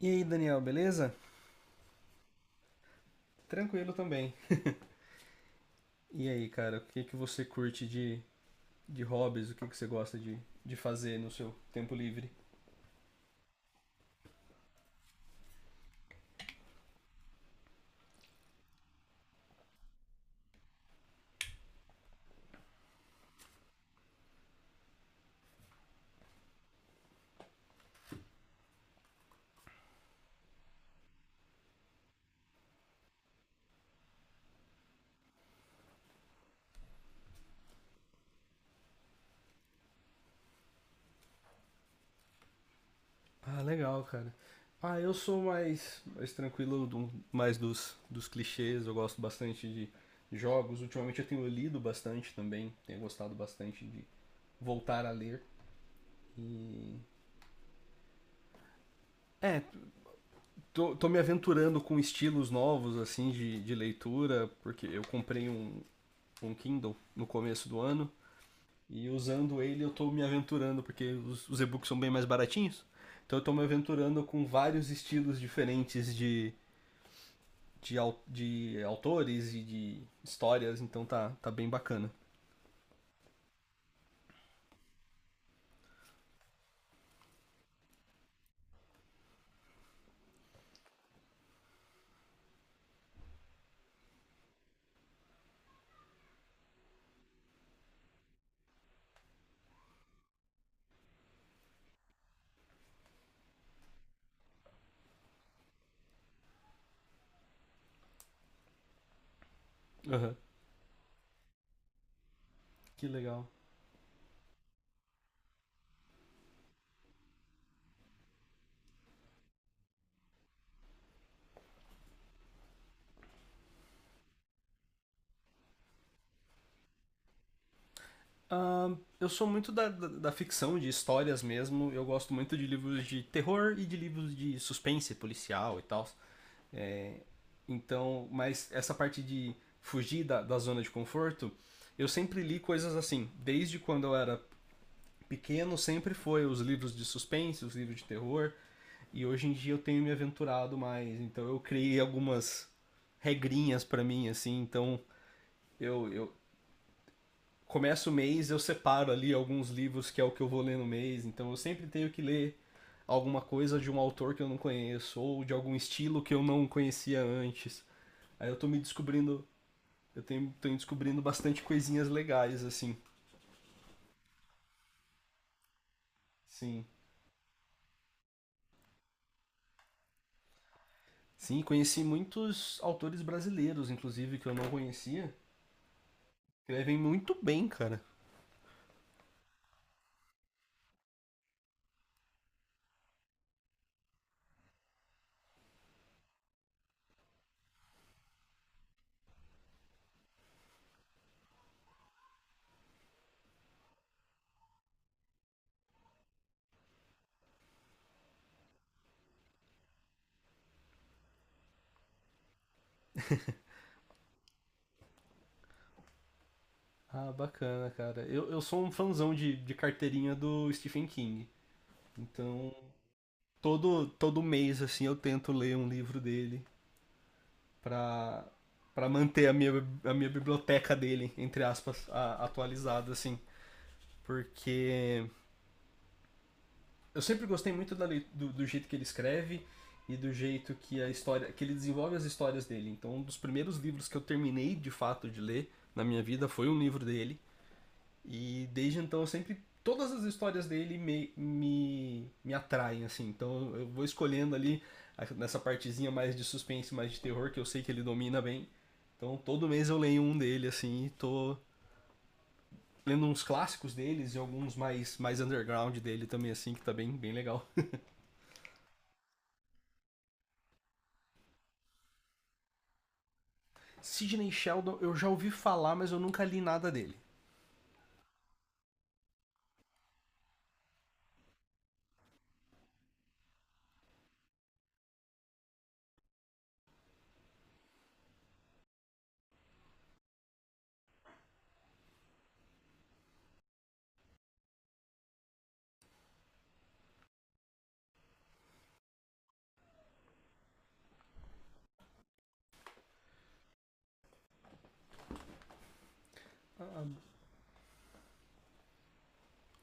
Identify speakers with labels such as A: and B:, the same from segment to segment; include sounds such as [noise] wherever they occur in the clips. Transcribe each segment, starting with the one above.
A: E aí, Daniel, beleza? Tranquilo também. E aí, cara, o que que você curte de hobbies? O que que você gosta de fazer no seu tempo livre? Ah, legal, cara. Ah, eu sou mais tranquilo, mais dos clichês. Eu gosto bastante de jogos. Ultimamente eu tenho lido bastante também. Tenho gostado bastante de voltar a ler. E. É, Tô me aventurando com estilos novos, assim, de leitura, porque eu comprei um Kindle no começo do ano. E usando ele eu tô me aventurando, porque os e-books são bem mais baratinhos. Então eu tô me aventurando com vários estilos diferentes de autores e de histórias, então tá bem bacana. Uhum. Que legal. Ah, eu sou muito da ficção, de histórias mesmo. Eu gosto muito de livros de terror e de livros de suspense policial e tal. Então, mas essa parte de fugir da zona de conforto, eu sempre li coisas assim. Desde quando eu era pequeno, sempre foi os livros de suspense, os livros de terror. E hoje em dia eu tenho me aventurado mais. Então eu criei algumas regrinhas para mim, assim. Então eu começo o mês, eu separo ali alguns livros que é o que eu vou ler no mês. Então eu sempre tenho que ler alguma coisa de um autor que eu não conheço ou de algum estilo que eu não conhecia antes. Aí eu tô me descobrindo. Eu tenho, tenho descobrindo bastante coisinhas legais, assim. Sim. Sim, conheci muitos autores brasileiros, inclusive, que eu não conhecia. Escrevem muito bem, cara. Ah, bacana, cara. Eu sou um fãzão de carteirinha do Stephen King. Então, todo mês, assim, eu tento ler um livro dele pra, pra manter a a minha biblioteca dele, entre aspas, atualizada, assim. Porque eu sempre gostei muito da do jeito que ele escreve e do jeito que a história que ele desenvolve as histórias dele. Então, um dos primeiros livros que eu terminei de fato de ler na minha vida foi um livro dele e desde então eu sempre todas as histórias dele me atraem assim. Então, eu vou escolhendo ali nessa partezinha mais de suspense, mais de terror que eu sei que ele domina bem. Então, todo mês eu leio um dele assim, e tô lendo uns clássicos deles e alguns mais underground dele também assim, que tá bem legal. Sidney Sheldon, eu já ouvi falar, mas eu nunca li nada dele. Ah,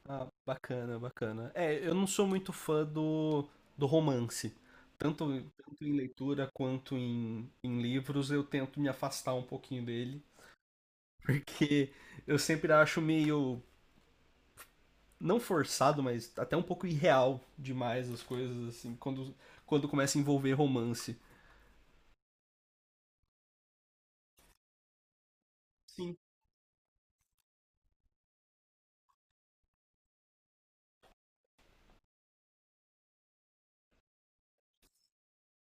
A: ah, bacana, bacana. É, eu não sou muito fã do romance. Tanto em leitura quanto em livros, eu tento me afastar um pouquinho dele. [laughs] Porque eu sempre acho meio. Não forçado, mas até um pouco irreal demais as coisas, assim, quando começa a envolver romance. Sim.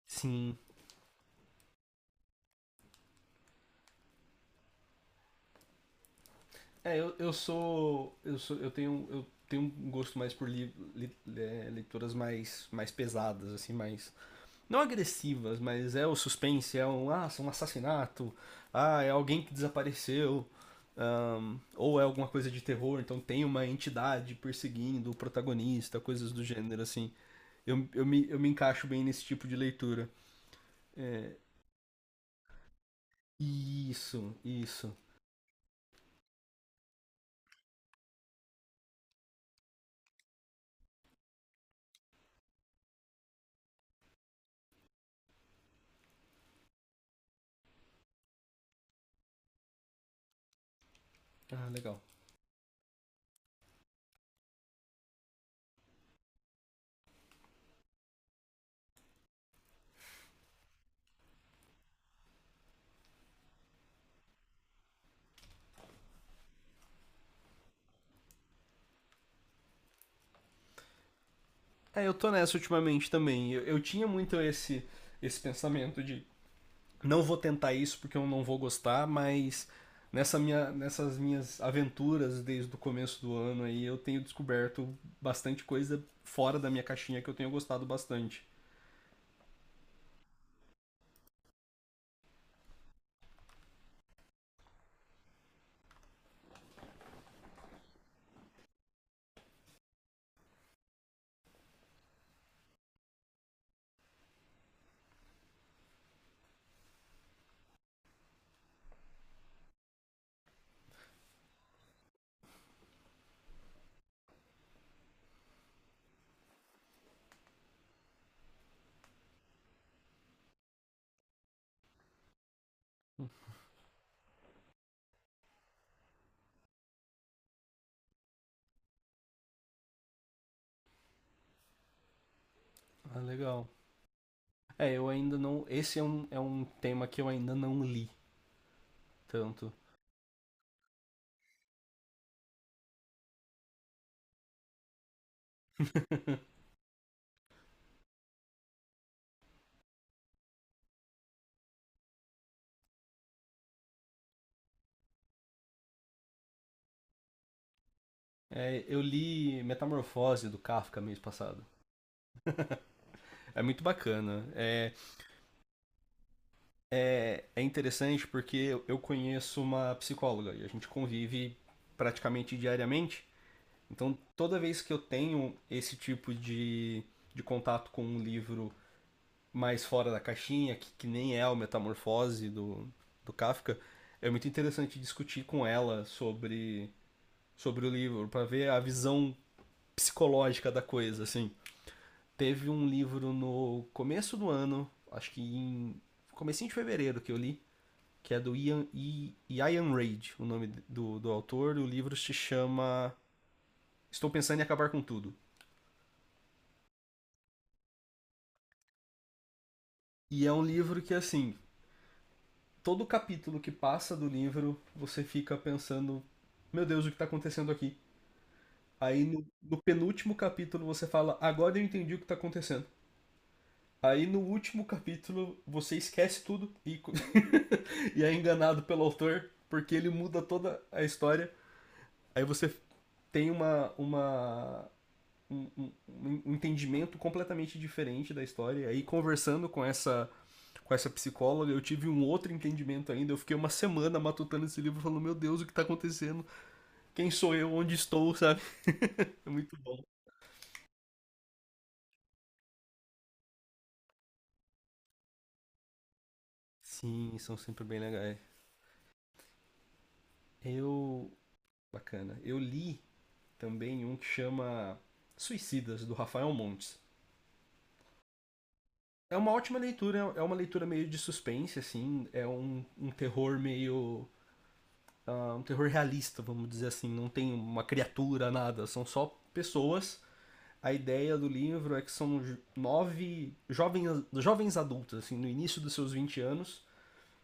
A: Sim. É, eu sou. Eu sou. Eu tenho. Eu tenho um gosto mais por leituras mais pesadas, assim, mais. Não agressivas, mas é o suspense, é um. Ah, é um assassinato. Ah, é alguém que desapareceu. Ah, ou é alguma coisa de terror, então tem uma entidade perseguindo o protagonista, coisas do gênero, assim. Eu me encaixo bem nesse tipo de leitura. É, isso, isso. Ah, legal. É, eu tô nessa ultimamente também. Eu tinha muito esse pensamento de não vou tentar isso porque eu não vou gostar, mas nessa nessas minhas aventuras desde o começo do ano aí, eu tenho descoberto bastante coisa fora da minha caixinha que eu tenho gostado bastante. Ah, legal. É, eu ainda não. Esse é é um tema que eu ainda não li tanto. [laughs] É, eu li Metamorfose do Kafka mês passado. [laughs] É muito bacana. É, é, é interessante porque conheço uma psicóloga e a gente convive praticamente diariamente. Então, toda vez que eu tenho esse tipo de contato com um livro mais fora da caixinha, que nem é o Metamorfose do Kafka, é muito interessante discutir com ela sobre o livro, para ver a visão psicológica da coisa, assim. Teve um livro no começo do ano, acho que em comecinho de fevereiro que eu li, que é do Ian Reid, o nome do autor. O livro se chama Estou Pensando em Acabar com Tudo. E é um livro que, assim, todo capítulo que passa do livro, você fica pensando, meu Deus, o que está acontecendo aqui? Aí no penúltimo capítulo você fala, agora eu entendi o que está acontecendo. Aí no último capítulo você esquece tudo e [laughs] e é enganado pelo autor, porque ele muda toda a história. Aí você tem uma um, um- um um entendimento completamente diferente da história. E aí, conversando com com essa psicóloga, eu tive um outro entendimento ainda. Eu fiquei uma semana matutando esse livro, falando: Meu Deus, o que tá acontecendo? Quem sou eu? Onde estou? [laughs] Sabe? É muito bom. Sim, são sempre bem legais. Eu. Bacana. Eu li também um que chama Suicidas, do Rafael Montes. É uma ótima leitura, é uma leitura meio de suspense, assim. É um terror meio ah, um terror realista, vamos dizer assim. Não tem uma criatura, nada. São só pessoas. A ideia do livro é que são nove jovens, jovens adultos, assim, no início dos seus 20 anos,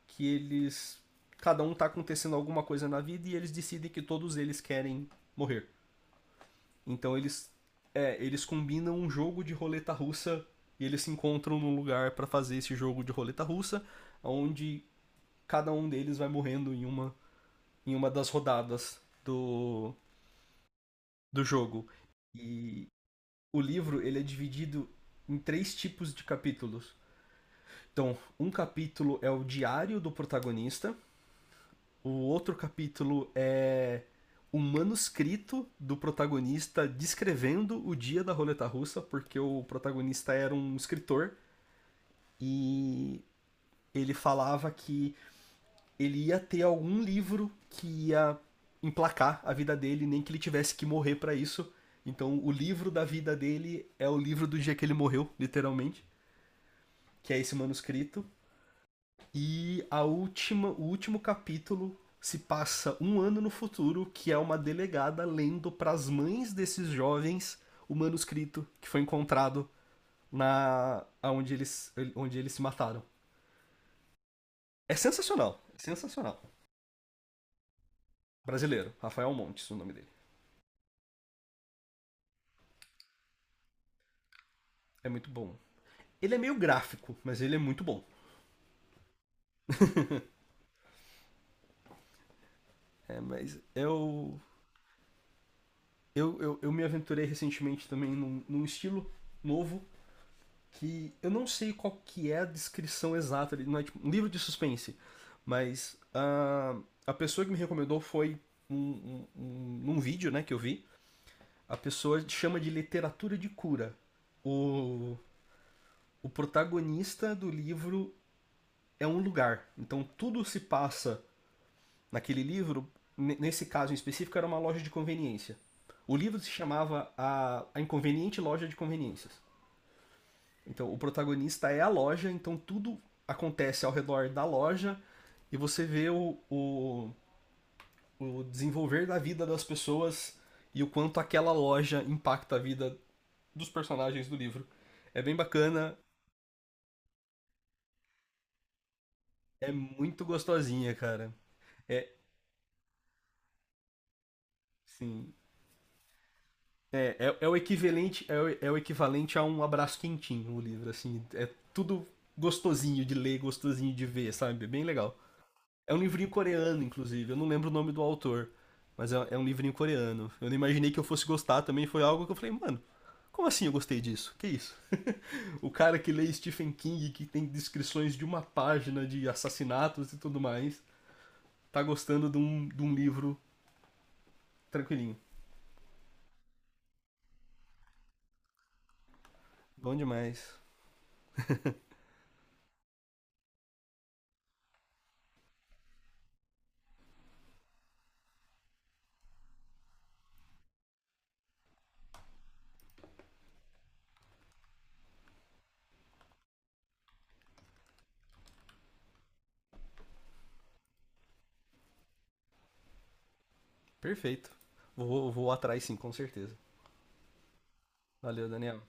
A: que eles. Cada um tá acontecendo alguma coisa na vida e eles decidem que todos eles querem morrer. Então eles. É, eles combinam um jogo de roleta russa e eles se encontram num lugar para fazer esse jogo de roleta russa, onde cada um deles vai morrendo em uma das rodadas do jogo. E o livro ele é dividido em três tipos de capítulos. Então, um capítulo é o diário do protagonista, o outro capítulo é o manuscrito do protagonista descrevendo o dia da roleta russa, porque o protagonista era um escritor e ele falava que ele ia ter algum livro que ia emplacar a vida dele, nem que ele tivesse que morrer pra isso. Então, o livro da vida dele é o livro do dia que ele morreu, literalmente, que é esse manuscrito. E a o último capítulo se passa um ano no futuro, que é uma delegada lendo pras mães desses jovens o manuscrito que foi encontrado na aonde eles onde eles se mataram. É sensacional, sensacional. Brasileiro, Rafael Montes, o nome dele. É muito bom. Ele é meio gráfico, mas ele é muito bom. É, mas eu me aventurei recentemente também num estilo novo que eu não sei qual que é a descrição exata, ele não é tipo um livro de suspense, mas ah, a pessoa que me recomendou foi num vídeo né, que eu vi, a pessoa chama de literatura de cura. O, o protagonista do livro é um lugar, então tudo se passa naquele livro, nesse caso em específico, era uma loja de conveniência. O livro se chamava a Inconveniente Loja de Conveniências. Então, o protagonista é a loja, então tudo acontece ao redor da loja e você vê o desenvolver da vida das pessoas e o quanto aquela loja impacta a vida dos personagens do livro. É bem bacana, é muito gostosinha, cara. É, sim. É o equivalente é o equivalente a um abraço quentinho o livro, assim. É tudo gostosinho de ler, gostosinho de ver, sabe? É bem legal. É um livrinho coreano, inclusive. Eu não lembro o nome do autor, mas é um livrinho coreano. Eu não imaginei que eu fosse gostar também. Foi algo que eu falei, mano, como assim eu gostei disso? Que isso? O cara que lê Stephen King, que tem descrições de uma página de assassinatos e tudo mais, tá gostando de um livro tranquilinho. Bom demais. Perfeito. Vou atrás sim, com certeza. Valeu, Daniel.